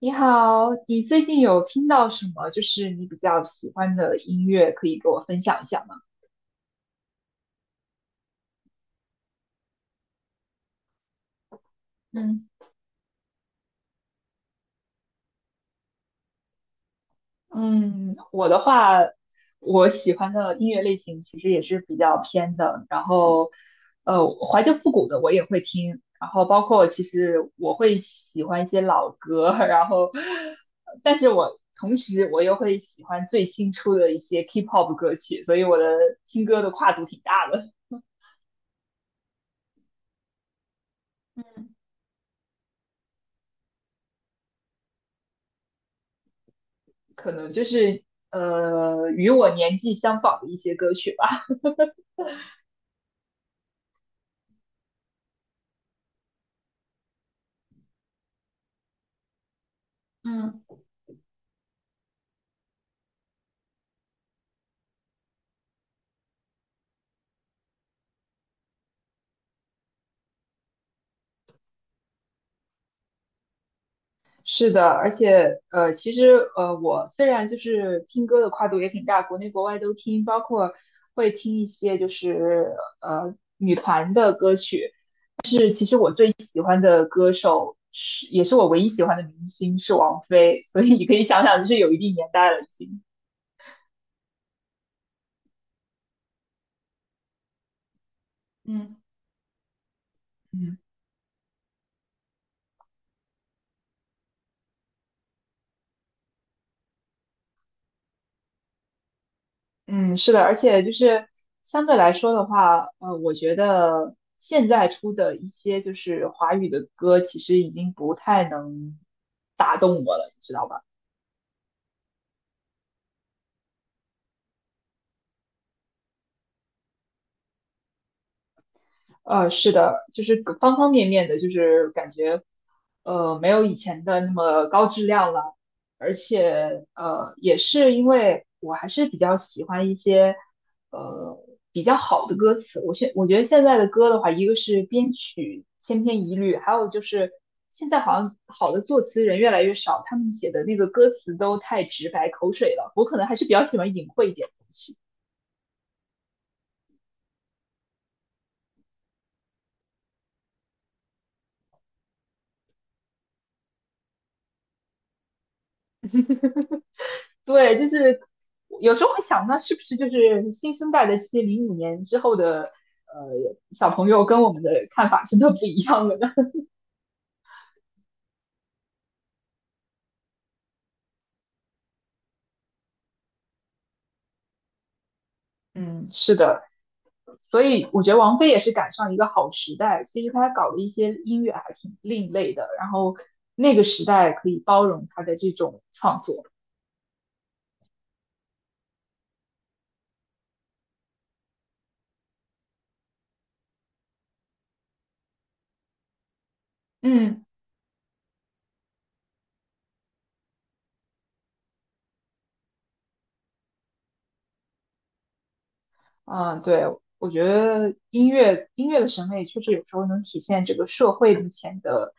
你好，你最近有听到什么就是你比较喜欢的音乐，可以给我分享一下吗？嗯嗯，我的话，我喜欢的音乐类型其实也是比较偏的，然后，怀旧复古的我也会听，然后包括其实我会喜欢一些老歌，然后，但是我同时我又会喜欢最新出的一些 K-pop 歌曲，所以我的听歌的跨度挺大的。可能就是与我年纪相仿的一些歌曲吧。嗯 是的，而且其实我虽然就是听歌的跨度也挺大，国内国外都听，包括会听一些就是女团的歌曲，首是也是我唯一喜欢的明星是王菲，所以你可以想想，就是有一定年代了已经。嗯。嗯。嗯，是的，而且就是相对来说的话，我觉得现在出的一些就是华语的歌，其实已经不太能打动我了，你知道吧？是的，就是方方面面的，就是感觉，没有以前的那么高质量了，而且，也是因为我还是比较喜欢一些，呃，比较好的歌词。我觉得现在的歌的话，一个是编曲千篇一律，还有就是现在好像好的作词人越来越少，他们写的那个歌词都太直白、口水了。我可能还是比较喜欢隐晦一点的东西。对，就是有时候会想，那是不是就是新生代的这些05年之后的呃小朋友跟我们的看法真的不一样了呢？嗯是的，所以我觉得王菲也是赶上一个好时代。其实她搞的一些音乐还挺另类的，然后那个时代可以包容她的这种创作。嗯。嗯，对，我觉得音乐的审美确实有时候能体现这个社会目前的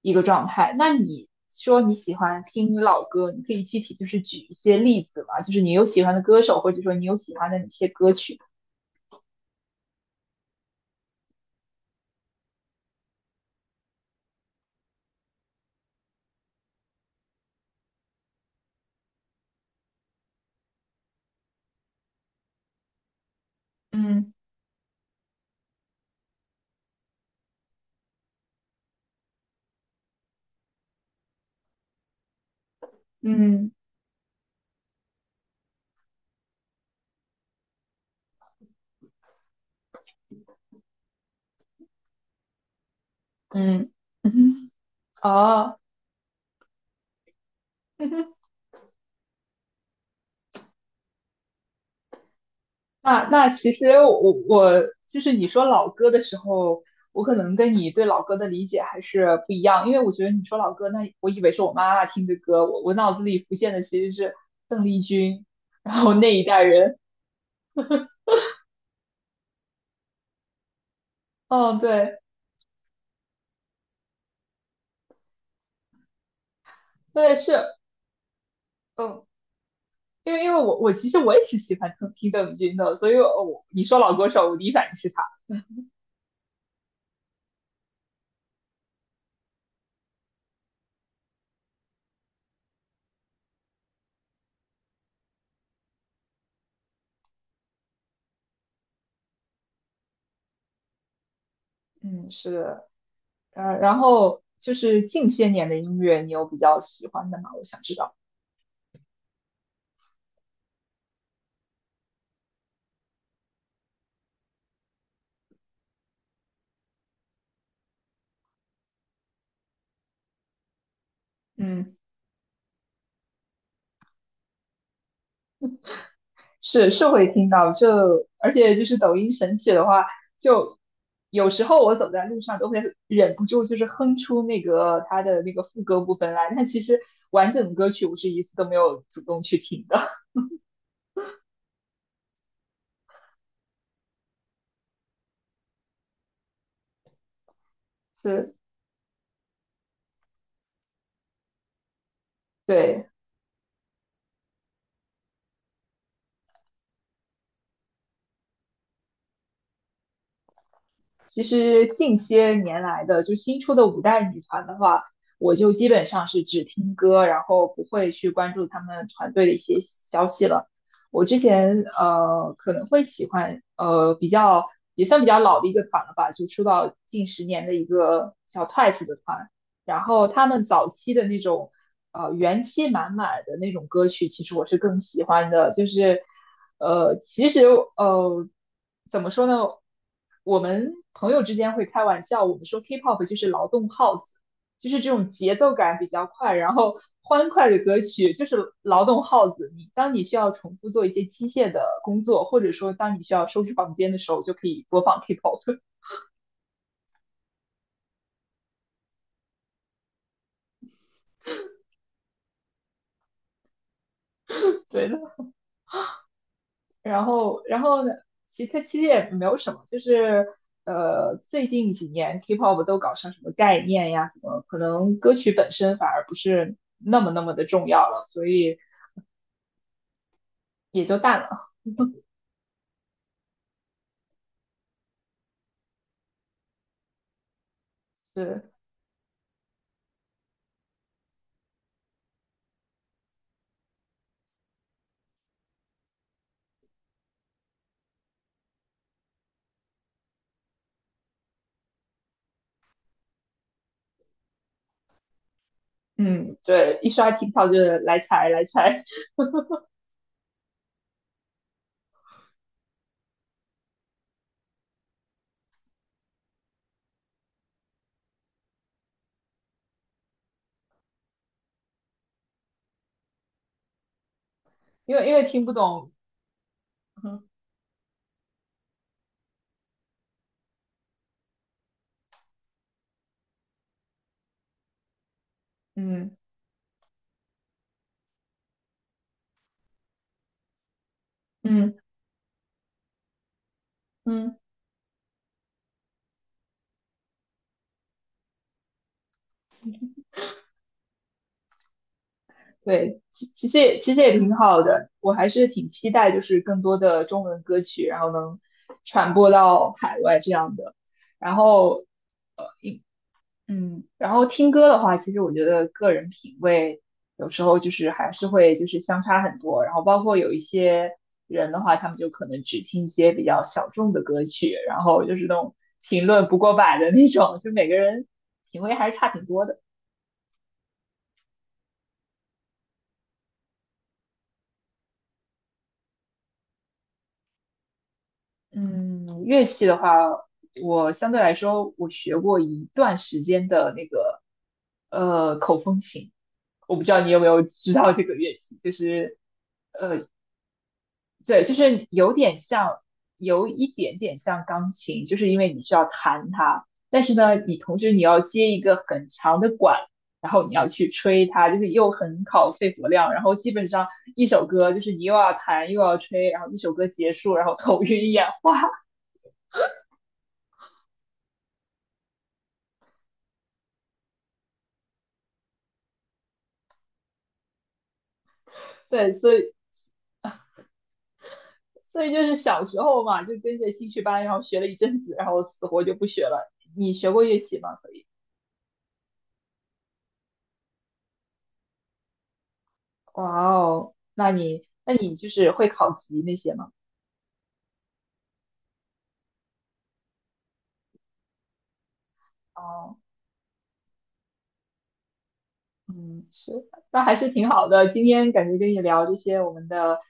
一个状态。那你说你喜欢听老歌，你可以具体就是举一些例子嘛？就是你有喜欢的歌手，或者说你有喜欢的哪些歌曲？嗯嗯嗯，嗯，哦，那其实我就是你说老歌的时候，我可能跟你对老歌的理解还是不一样，因为我觉得你说老歌，那我以为是我妈妈听的歌，我脑子里浮现的其实是邓丽君，然后那一代人。嗯，对是，嗯，因为我其实我也是喜欢听听邓丽君的，所以我你说老歌手，我第一反应是她。嗯，是的，然后就是近些年的音乐，你有比较喜欢的吗？我想知道。嗯。是会听到，就而且就是抖音神曲的话，就有时候我走在路上都会忍不住就是哼出那个它的那个副歌部分来，但其实完整的歌曲我是一次都没有主动去听的。是，对。其实近些年来的，就新出的五代女团的话，我就基本上是只听歌，然后不会去关注他们团队的一些消息了。我之前可能会喜欢比较也算比较老的一个团了吧，就出道近10年的一个叫 Twice 的团，然后他们早期的那种元气满满的那种歌曲，其实我是更喜欢的。就是其实呃，怎么说呢？我们朋友之间会开玩笑，我们说 K-pop 就是劳动号子，就是这种节奏感比较快，然后欢快的歌曲，就是劳动号子。你当你需要重复做一些机械的工作，或者说当你需要收拾房间的时候，就可以播放 K-pop。对，然后呢？其实它其实也没有什么，就是最近几年 K-pop 都搞成什么概念呀，什么可能歌曲本身反而不是那么的重要了，所以也就淡了。是，嗯，对，一刷 TikTok 就是来踩来踩，因为听不懂，嗯嗯嗯嗯，对，其实也挺好的，我还是挺期待就是更多的中文歌曲，然后能传播到海外这样的。然后嗯，然后听歌的话，其实我觉得个人品味有时候就是还是会就是相差很多，然后包括有一些人的话，他们就可能只听一些比较小众的歌曲，然后就是那种评论不过百的那种，就每个人品味还是差挺多的。嗯，乐器的话，我相对来说我学过一段时间的那个口风琴，我不知道你有没有知道这个乐器，就是对，就是有点像，有一点点像钢琴，就是因为你需要弹它，但是呢，你同时你要接一个很长的管，然后你要去吹它，就是又很考肺活量，然后基本上一首歌就是你又要弹又要吹，然后一首歌结束，然后头晕眼花。对，所以就是小时候嘛，就跟着兴趣班，然后学了一阵子，然后死活就不学了。你学过乐器吗？所以，哇哦，那你就是会考级那些吗？哦。嗯，是，那还是挺好的。今天感觉跟你聊这些我们的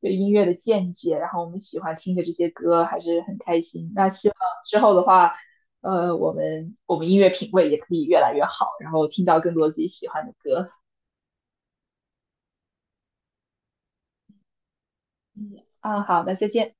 对音乐的见解，然后我们喜欢听的这些歌，还是很开心。那希望之后的话，我们音乐品味也可以越来越好，然后听到更多自己喜欢的歌。嗯，啊，好，那再见。